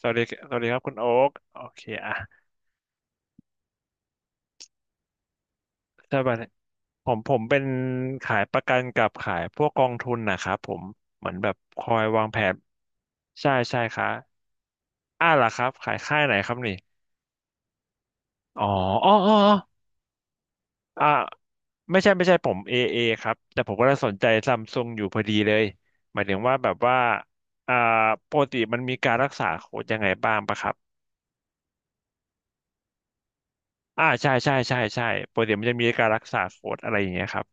สวัสดีสวัสดีครับคุณโอ๊กโอเคอ่ะสวัสดีผมเป็นขายประกันกับขายพวกกองทุนนะครับผมเหมือนแบบคอยวางแผนใช่ใช่ครับอ่าล่ะครับขายค่ายไหนครับนี่อ๋ออ๋ออ๋ออ๋ออ่าไม่ใช่ไม่ใช่ผมเอเอครับแต่ผมก็ได้สนใจซัมซุงอยู่พอดีเลยหมายถึงว่าแบบว่าอ่าปกติมันมีการรักษาโค้ดยังไงบ้างปะครับอ่าใช่ใช่ใช่ใช่ปกติมันจะมีการรักษาโค้ดอะไรอย่างเงี้ยครับ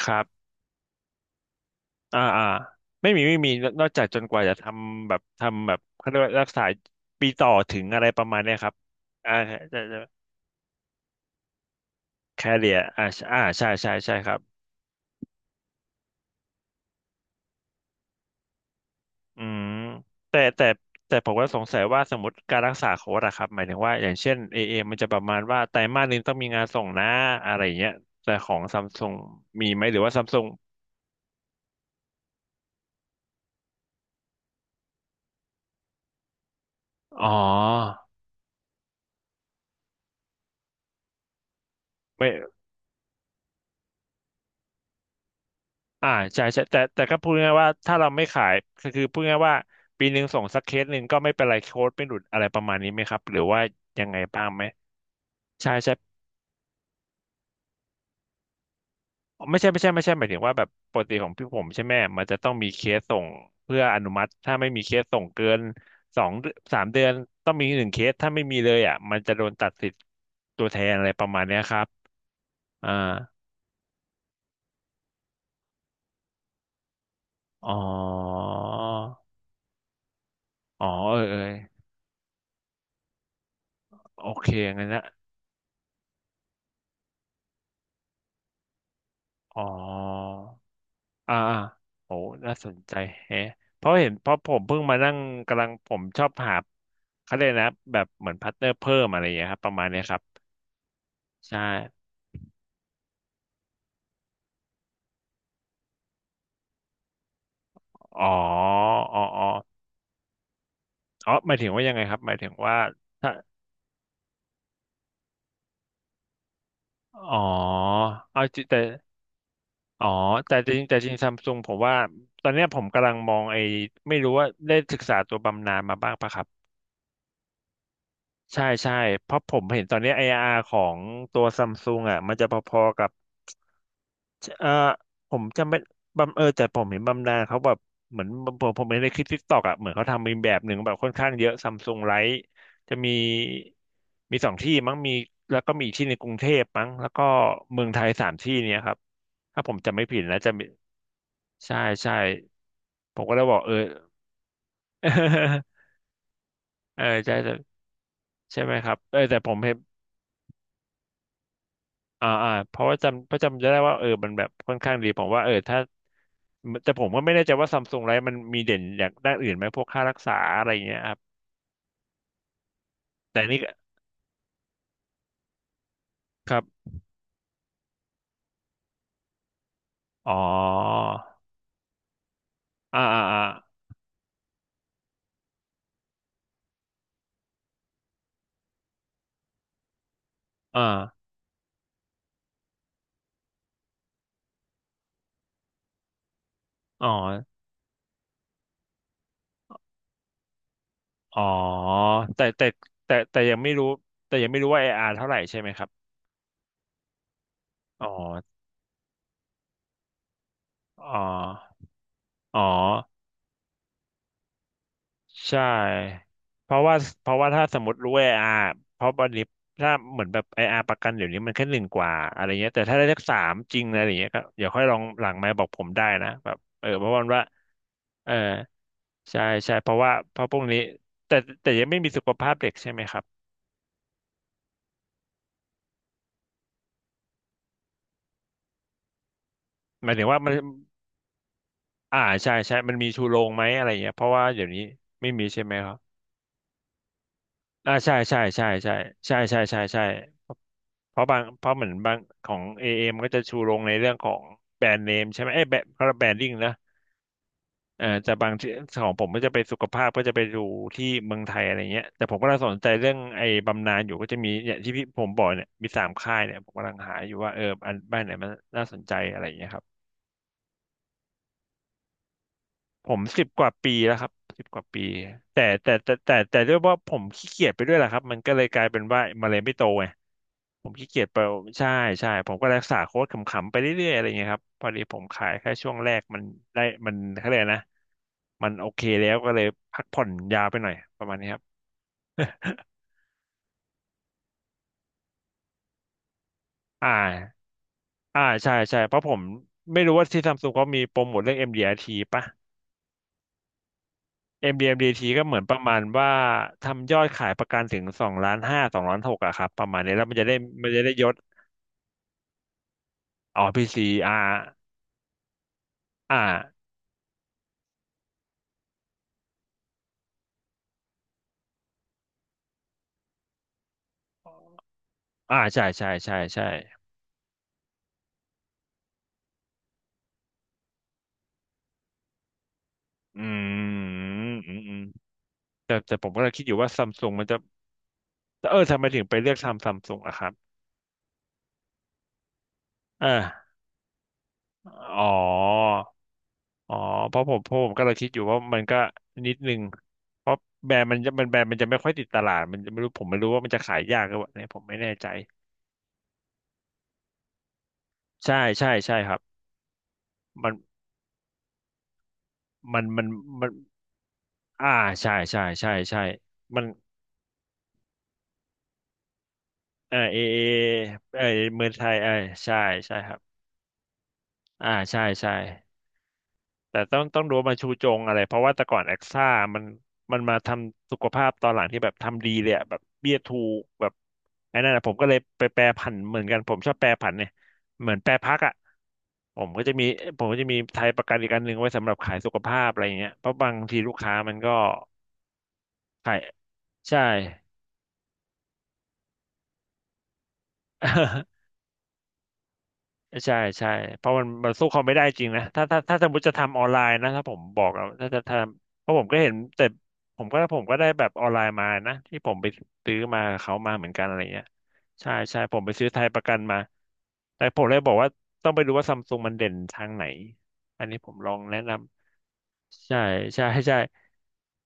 ครับ อ่าอ่าไม่มีไม่มีนอกจากจนกว่าจะทำแบบทำแบบเขาเรียกว่ารักษาปีต่อถึงอะไรประมาณเนี้ยครับอ่าจะจะแคเรียอ่าใช่อ่าใช่ใช่ใช่ครับอืมแต่แต่ผมก็สงสัยว่าสมมติการรักษาโค้ดอะครับหมายถึงว่าอย่างเช่นเอเอมันจะประมาณว่าไตรมาสหนึงต้องมีงานส่งนะอะไรอย่างเงี้ยแต่ของซัมซุงมีไหมหรือว่าซัมซุงอ๋อไม่ อ่าใช่ใช่แต่ก็พูดง่ายๆว่าถ้าเราไม่ขายก็คือพูดง่ายๆว่าปีหนึ่งส่งสักเคสหนึ่งก็ไม่เป็นไรโค้ดไม่หลุดอะไรประมาณนี้ไหมครับหรือว่ายังไงบ้างไหมใช่ใช่ไม่ใช่ไม่ใช่ไม่ใช่หมายถึงว่าแบบปกติของพี่ผมใช่ไหมมันจะต้องมีเคสส่งเพื่ออนุมัติถ้าไม่มีเคสส่งเกินสองสามเดือนต้องมีหนึ่งเคสถ้าไม่มีเลยอ่ะมันจะโดนตัดสิทธิ์ตัวแทนอะไรประมาณเนี้ยครับอ่าอ๋ออ๋อเออเออโอเคงั้นนะอ๋อ อ่าอ่าโอ้น่าสนใจแฮะเพราะเห็นเพราะผมเพิ่งมานั่งกำลังผมชอบหาเขาเรียกนะแบบเหมือนพาร์ทเนอร์เพิ่มอะไรอย่างเงี้ยครับประมาณเนี้ยครับใช่อ๋ออ๋ออ๋ออ๋อหมายถึงว่ายังไงครับหมายถึงว่าถ้าอ๋อเอาจริงแต่อ๋อแต่จริงแต่จริงซัมซุงผมว่าตอนเนี้ยผมกำลังมองไอ้ไม่รู้ว่าได้ศึกษาตัวบำนาญมาบ้างปะครับใช่ใช่เพราะผมเห็นตอนเนี้ยไออาร r ของตัวซัมซุงอ่ะมันจะพอๆกับ จะผมจำไม่บำแต่ผมเห็นบำนาญเขาแบบเหมือนผมเห็นในคลิปทิกตอกอ่ะเหมือนเขาทำมีแบบหนึ่งแบบค่อนข้างเยอะซัมซุงไลท์จะมีมีสองที่มั้งมีแล้วก็มีอีกที่ในกรุงเทพมั้งแล้วก็เมืองไทยสามที่เนี้ยครับถ้าผมจำไม่ผิดนะจะมีใช่ใช่ผมก็เลยบอกเออ เออใช่ใช่ใช่ไหมครับเออแต่ผมเห็นอ่าอ่าเพราะว่าจำเพราะจำจะได้ว่าเออมันแบบค่อนข้างดีผมว่าเออถ้า แต่ผมก็ไม่แน่ใจว่าซัมซุงไลฟ์มันมีเด่นอย่างด้านอื่นไหมพวกค่ารักษาอะไรอย่างเงี้ยครับแต่นี่ก็ครับอ๋ออ่าอ่าอ่าอ่าอ๋ออ๋อแต่แต่แต่แต่ยังไม่รู้แต่ยังไม่รู้ว่า AR เท่าไหร่ใช่ไหมครับอ๋ออ๋ออ๋อใช่เพราะว่าเพราะว่าถ้าสมมติรู้ AR เพราะวันนี้ถ้าเหมือนแบบไออาร r ประกันเดี๋ยวนี้มันแค่หนึ่งกว่าอะไรเงี้ยแต่ถ้าได้สักสามจริงอะไรอย่างเงี้ยก็เดี๋ยวค่อยลองหลังไมค์บอกผมได้นะแบบเออเพราะวันว่าเออ ใช่ใช่เพราะว่าเพราะพวกนี้แต่แต่ยังไม่มีสุขภาพเด็กใช่ไหมครับหมายถึงว่ามันอ่าใช่ใช่มันมีชูโรงไหมอะไรเงี้ยเพราะว่าเดี๋ยวนี้ไม่มีใช่ไหมครับอ่าใช่ใช่ใช่ใช่ใช่ใช่ใช่ใช่เพราะบางเพราะเหมือนบางของเอเอ็มก็จะชูโรงในเรื่องของแบรนด์เนมใช่ไหมเอ้ยแบรนด์เขาเรียกแบรนดิ้งนะ จะบางที่ของผมก็จะไปสุขภาพก็จะไปดูที่เมืองไทยอะไรเงี้ยแต่ผมกกำลังสนใจเรื่องไอ้บำนาญอยู่ก็จะมีเนี่ยที่พี่ผมบอกเนี่ยมีสามค่ายเนี่ยผมกำลังหาอยู่ว่าเอออันบ้านไหนมันน่าสนใจอะไรเงี้ยครับ ผม10 กว่าปีแล้วครับสิบกว่าปีแต่ด้วยว่าผมขี้เกียจไปด้วยแหละครับมันก็เลยกลายเป็นว่ามันเลยไม่โตไงผมขี้เกียจไปใช่ใช่ผมก็รักษาโค้ดขำๆไปเรื่อยๆอะไรเงี้ยครับพอดีผมขายแค่ช่วงแรกมันได้มันเขาเรียกนะมันโอเคแล้วก็เลยพักผ่อนยาวไปหน่อยประมาณนี้ครับ อ่าอ่าใช่ใช่เพราะผมไม่รู้ว่าที่ซัมซุงเขามีโปรโมทเรื่อง MDRT ป่ะ MDMDT ก็เหมือนประมาณว่าทำยอดขายประกันถึง2,500,0002,600,000อะครับประมาณนี้แล้วมันจะได้ยศอ๋อพีซีอา CR อ่าอ่าใช่ใช่ใช่ใช่อืมอืมอืมแต่ผมก็เลยคิดอยู่ว่าซัมซุงมันจะเออทำไมถึงไปเลือกทำซัมซุงอะครับอ่าอ๋ออ๋อเพราะผมก็เลยคิดอยู่ว่ามันก็นิดนึงเพราะแบรนด์มันจะมันแบรนด์มันจะไม่ค่อยติดตลาดมันจะไม่รู้ผมไม่รู้ว่ามันจะขายยากหรือเปล่าเนี่ยผมไม่แน่ใจใช่ใช่ใช่ครับ มันมันมันมันอ่าใช่ใช่ใช่ใช่มันเออเอเอเออเมืองไทยเออใช่ใช่ครับอ่าใช่ใช่แต่ต้องดูว่ามาชูจงอะไรเพราะว่าแต่ก่อนแอคซ่ามันมันมาทำสุขภาพตอนหลังที่แบบทำดีเลยอะแบบเบี้ยถูกแบบไอ้นั่นนะผมก็เลยไปแปรผันเหมือนกันผมชอบแปรผันเนี่ยเหมือนแปรพักอ่ะผมก็จะมีผมก็จะมีไทยประกันอีกอันหนึ่งไว้สำหรับขายสุขภาพอะไรอย่างเงี้ยเพราะบางทีลูกค้ามันก็ขายใช่ ใช่ใช่เพราะมันสู้เขาไม่ได้จริงนะถ้าถ้าสมมติจะทำออนไลน์นะถ้าผมบอกอะถ้าจะทำเพราะผมก็เห็นแต่ผมก็ได้แบบออนไลน์มานะที่ผมไปซื้อมากับเขามาเหมือนกันอะไรเงี้ยใช่ใช่ผมไปซื้อไทยประกันมาแต่ผมเลยบอกว่าต้องไปดูว่าซัมซุงมันเด่นทางไหนอันนี้ผมลองแนะนำใช่ใช่ใช่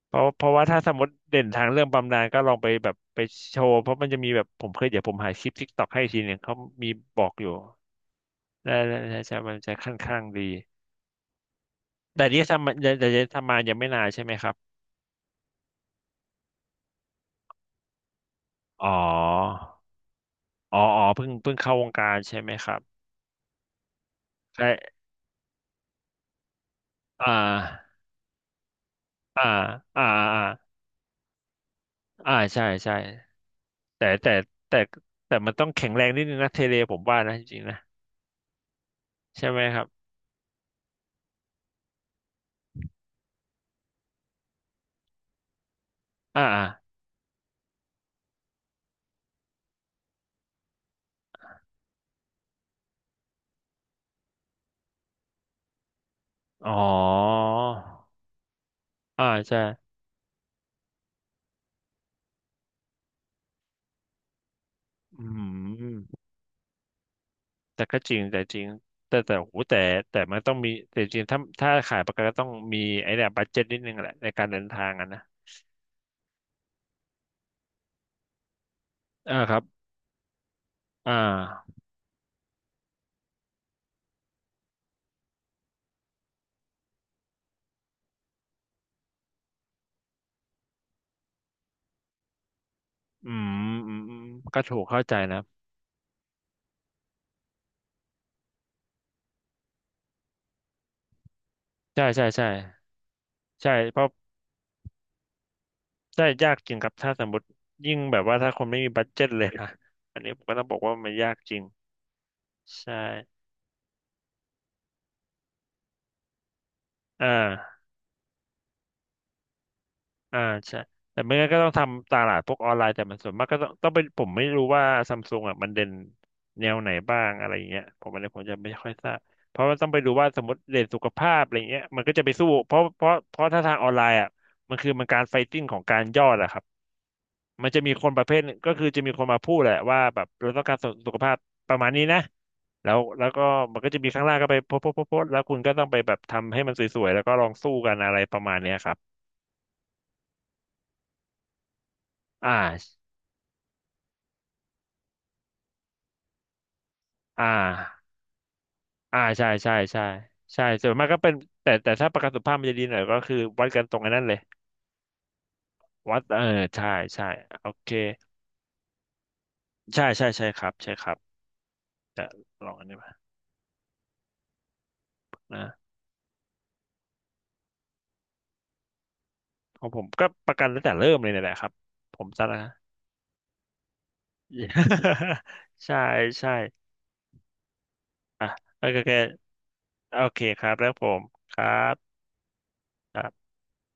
เพราะว่าถ้าสมมติเด่นทางเรื่องบำนาญก็ลองไปแบบไปโชว์เพราะมันจะมีแบบผมเคยเดี๋ยวผมหาคลิปทิกตอกให้อีกทีหนึ่งเขามีบอกอยู่ ได้ได้ใช่ใช่มันจะค่อนข้างดีแต่ที่ทำมาแต่ที่ทำมายังไม่นานใช่ไหมครับอ๋ออ๋ออ๋อเพิ่งเข้าวงการใช่ไหมครับใช่อ่าอ่าอ่าอ่าอ่าใช่ใช่แต่แต่แต่แต่มันต้องแข็งแรงนิดนึงนะเทเลผมว่านะจริงๆนะใช่ไหมครับอ่าอ่าอ๋ออ่าใช่อืมแต่ก็จริงแต่จริงแต่โหแต่แต่มันต้องมีแต่จริงถ้าขายประกันก็ต้องมีไอ้เนี่ยบัดเจ็ตนิดนึงแหละในการเดินทางอะนะ อ่าครับอ่าอืมอืมอืมก็ถูกเข้าใจนะ ใช่ใช่ใช่ใช่เพราะใช่ยากจริงครับถ้าสมมติยิ่งแบบว่าถ้าคนไม่มีบัดเจ็ตเลยนะอันนี้ผมก็ต้องบอกว่ามันยากจริงใช่อ่า อ่าใช่แต่ไม่งั้นก็ต้องทำตลาดพวกออนไลน์แต่มันส่วนมากก็ต้องไปผมไม่รู้ว่าซัมซุงอ่ะมันเด่นแนวไหนบ้างอะไรอย่างเงี้ยผมอันนี้ผมจะไม่ค่อยทราบเพราะว่าต้องไปดูว่าสมมติเด่นสุขภาพอะไรเงี้ยมันก็จะไปสู้เพราะถ้าทางออนไลน์อ่ะมันคือมันการไฟติ้งของการยอดอะครับมันจะมีคนประเภทหนึ่งก็คือจะมีคนมาพูดแหละว่าแบบเราต้องการสุสุขภาพประมาณนี้นะแล้วก็มันก็จะมีข้างล่างก็ไปโพสต์แล้วคุณก็ต้องไปแบบทำให้มันสวยๆแล้วก็ลองสู้กันอะไรประมาณเนี้ยครับอ่า อ่าอ่าใช่ใช่ใช่ใช่ส่วนมากก็เป็นแต่ถ้าประกันสุขภาพมันจะดีหน่อยก็คือวัดกันตรงไอ้นั้นเลยวัดเออใช่ใช่โอเคใช่ใช่ใช่ครับใช่ครับแต่ลองอันนี้มานะของผมก็ประกันตั้งแต่เริ่มเลยเนี่ยแหละครับผมซะนะ ใช่ใช่อ่ะโอเคโอเคโอเคครับแล้วผมครับครับ